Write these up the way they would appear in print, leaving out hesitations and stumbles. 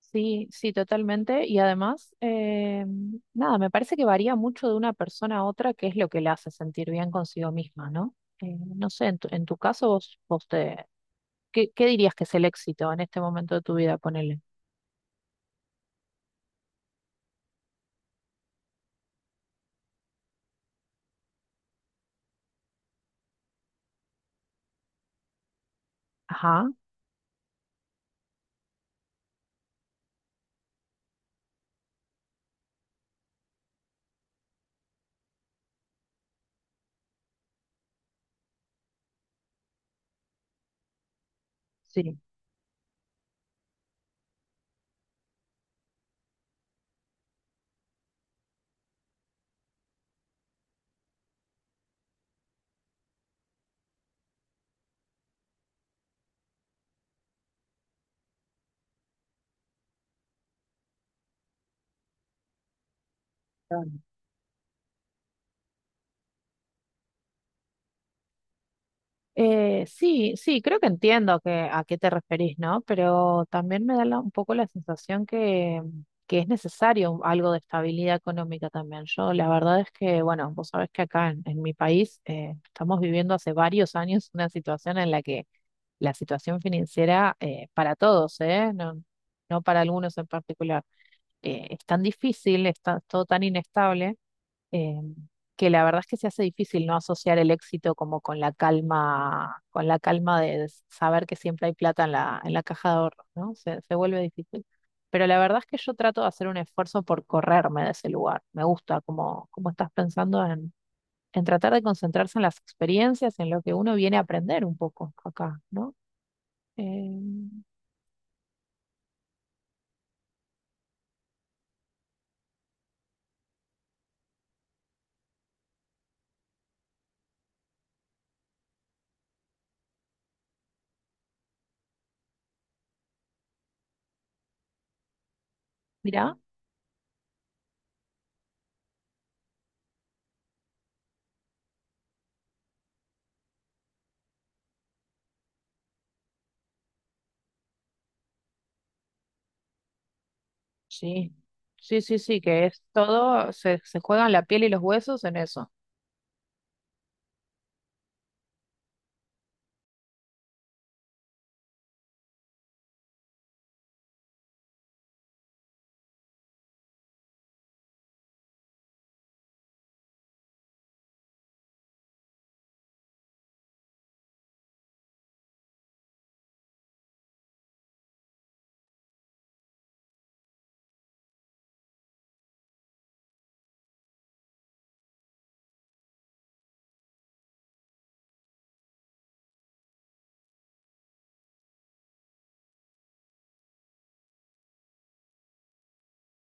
Sí, sí, totalmente. Y además, nada, me parece que varía mucho de una persona a otra qué es lo que le hace sentir bien consigo misma, ¿no? No sé, en tu caso, ¿ qué dirías que es el éxito en este momento de tu vida? Ponele. Ajá, sí. Sí, sí, creo que entiendo a qué te referís, ¿no? Pero también me da un poco la sensación que es necesario algo de estabilidad económica también. Yo, la verdad es que, bueno, vos sabés que acá en mi país, estamos viviendo hace varios años una situación en la que la situación financiera, para todos, ¿eh? No, no para algunos en particular, es tan difícil, está todo tan inestable, eh, que la verdad es que se hace difícil no asociar el éxito como con la calma de saber que siempre hay plata en en la caja de ahorros, ¿no? Se vuelve difícil. Pero la verdad es que yo trato de hacer un esfuerzo por correrme de ese lugar. Me gusta cómo estás pensando en tratar de concentrarse en las experiencias, en lo que uno viene a aprender un poco acá, ¿no? Eh, Mirá, sí, sí, sí, sí, que es todo, se juegan la piel y los huesos en eso.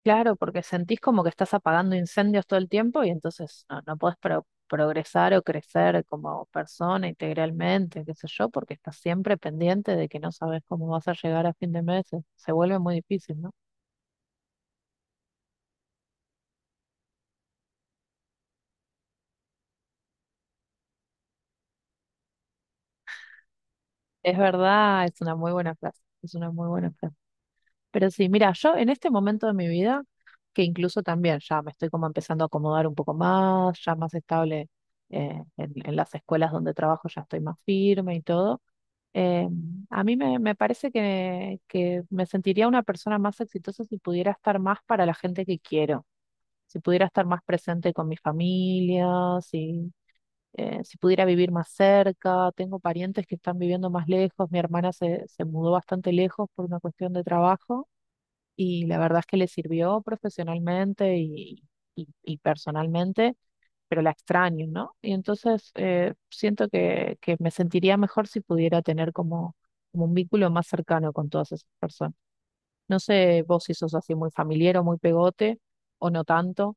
Claro, porque sentís como que estás apagando incendios todo el tiempo y entonces no, no podés progresar o crecer como persona integralmente, qué sé yo, porque estás siempre pendiente de que no sabes cómo vas a llegar a fin de mes. Se se vuelve muy difícil, ¿no? Es verdad, es una muy buena frase, es una muy buena frase. Pero sí, mira, yo en este momento de mi vida, que incluso también ya me estoy como empezando a acomodar un poco más, ya más estable, en las escuelas donde trabajo, ya estoy más firme y todo. Eh, a mí me parece que me sentiría una persona más exitosa si pudiera estar más para la gente que quiero, si pudiera estar más presente con mi familia, si, si pudiera vivir más cerca. Tengo parientes que están viviendo más lejos, mi hermana se mudó bastante lejos por una cuestión de trabajo, y la verdad es que le sirvió profesionalmente y personalmente, pero la extraño, ¿no? Y entonces, siento que me sentiría mejor si pudiera tener como un vínculo más cercano con todas esas personas. No sé vos si sos así muy familiar o muy pegote, o no tanto.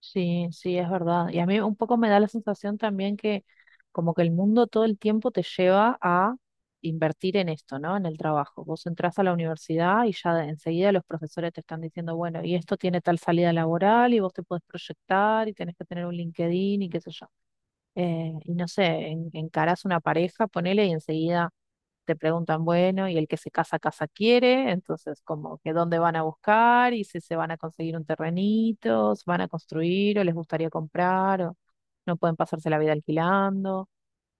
Sí, sí, es verdad. Y a mí un poco me da la sensación también que como que el mundo todo el tiempo te lleva a invertir en esto, ¿no? En el trabajo. Vos entras a la universidad y ya enseguida los profesores te están diciendo, bueno, y esto tiene tal salida laboral y vos te podés proyectar y tenés que tener un LinkedIn y qué sé yo, y no sé, encarás una pareja, ponele, y enseguida te preguntan, bueno, y el que se casa, casa quiere, entonces como que dónde van a buscar y si se van a conseguir un terrenito, se van a construir o les gustaría comprar o no pueden pasarse la vida alquilando.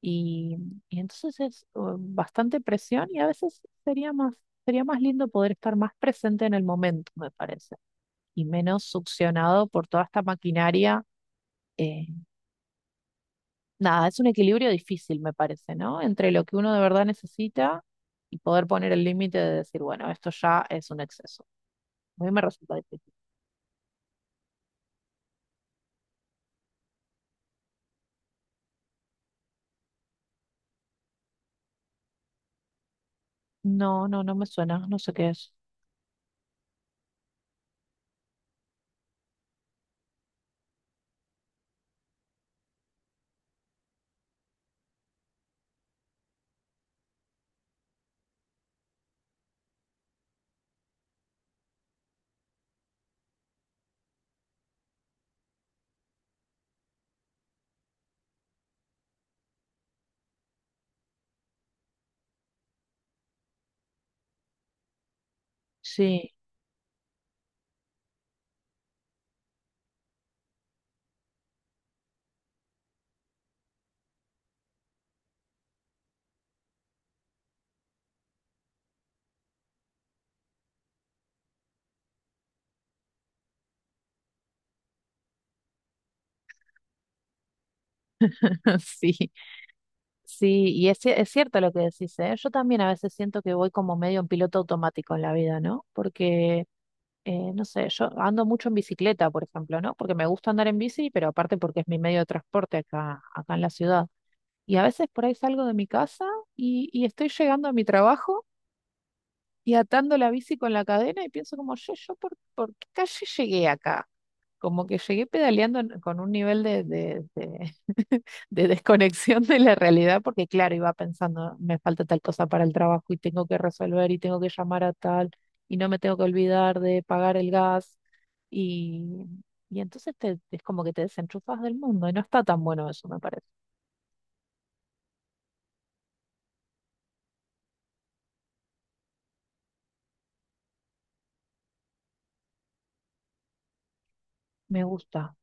Y, y entonces es bastante presión y a veces sería más lindo poder estar más presente en el momento, me parece, y menos succionado por toda esta maquinaria. eh, Nada, es un equilibrio difícil, me parece, ¿no? Entre lo que uno de verdad necesita y poder poner el límite de decir, bueno, esto ya es un exceso. A mí me resulta difícil. No, no, no me suena, no sé qué es. Sí, sí, sí, es cierto lo que decís, ¿eh? Yo también a veces siento que voy como medio en piloto automático en la vida, ¿no? Porque, no sé, yo ando mucho en bicicleta, por ejemplo, ¿no? Porque me gusta andar en bici, pero aparte porque es mi medio de transporte acá en la ciudad. Y a veces por ahí salgo de mi casa y estoy llegando a mi trabajo y atando la bici con la cadena y pienso como, yo ¿por qué calle llegué acá? Como que llegué pedaleando con un nivel de, de desconexión de la realidad, porque claro, iba pensando, me falta tal cosa para el trabajo y tengo que resolver y tengo que llamar a tal y no me tengo que olvidar de pagar el gas. Y, y entonces es como que te desenchufas del mundo y no está tan bueno eso, me parece. Me gusta.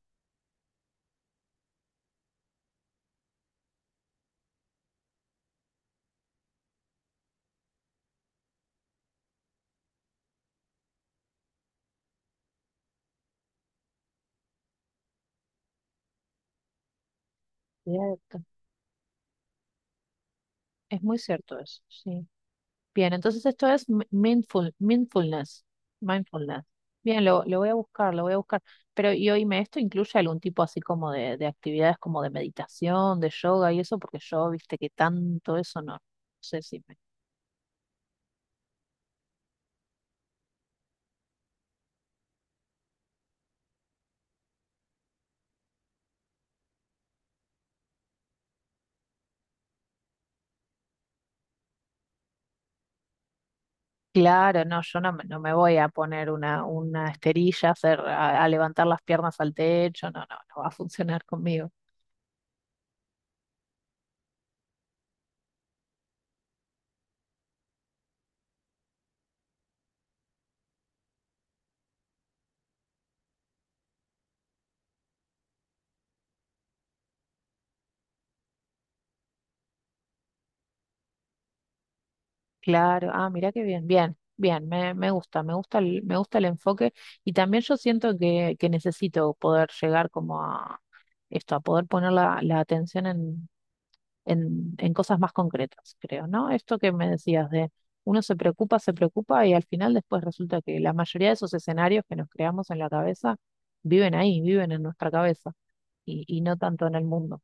Es muy cierto eso, sí. Bien, entonces esto es mindfulness, mindfulness. Bien, lo voy a buscar, lo voy a buscar. Pero y oíme, ¿esto incluye algún tipo así como de actividades como de meditación, de yoga y eso? Porque yo, viste que tanto eso no, no sé si me... Claro, no, yo no, no me voy a poner una esterilla, a levantar las piernas al techo, no, no, no va a funcionar conmigo. Claro, ah, mira qué bien, bien, bien, me gusta, me gusta me gusta el enfoque, y también yo siento que necesito poder llegar como a esto, a poder poner la atención en, en cosas más concretas, creo, ¿no? Esto que me decías de uno se preocupa y al final después resulta que la mayoría de esos escenarios que nos creamos en la cabeza viven ahí, viven en nuestra cabeza y no tanto en el mundo.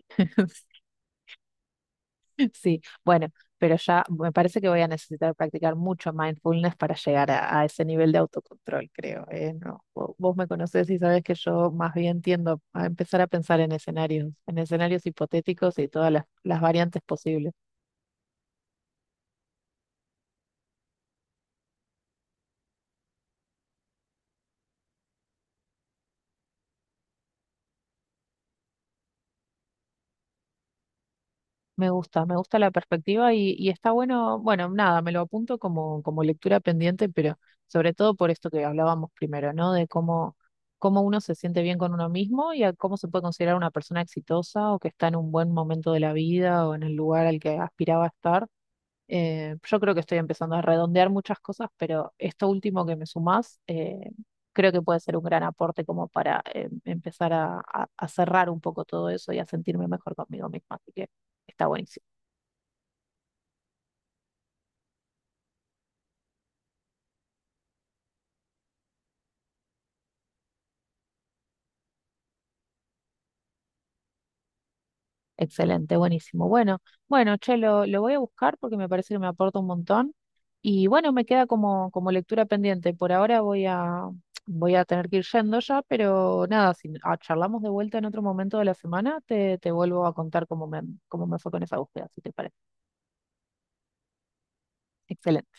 Sí, bueno, pero ya me parece que voy a necesitar practicar mucho mindfulness para llegar a ese nivel de autocontrol, creo. ¿Eh? No, vos me conocés y sabés que yo más bien tiendo a empezar a pensar en escenarios hipotéticos y todas las variantes posibles. Me gusta la perspectiva y está bueno, bueno, nada, me lo apunto como, como lectura pendiente, pero sobre todo por esto que hablábamos primero, ¿no? De cómo, cómo uno se siente bien con uno mismo y a cómo se puede considerar una persona exitosa o que está en un buen momento de la vida o en el lugar al que aspiraba a estar. Yo creo que estoy empezando a redondear muchas cosas, pero esto último que me sumás, creo que puede ser un gran aporte como para, empezar a cerrar un poco todo eso y a sentirme mejor conmigo misma. Así que está buenísimo. Excelente, buenísimo. Bueno, bueno, che, lo voy a buscar porque me parece que me aporta un montón. Y bueno, me queda como, como lectura pendiente. Por ahora voy a, voy a tener que ir yendo ya, pero nada, si ah, charlamos de vuelta en otro momento de la semana, te vuelvo a contar cómo me fue con esa búsqueda, si te parece. Excelente.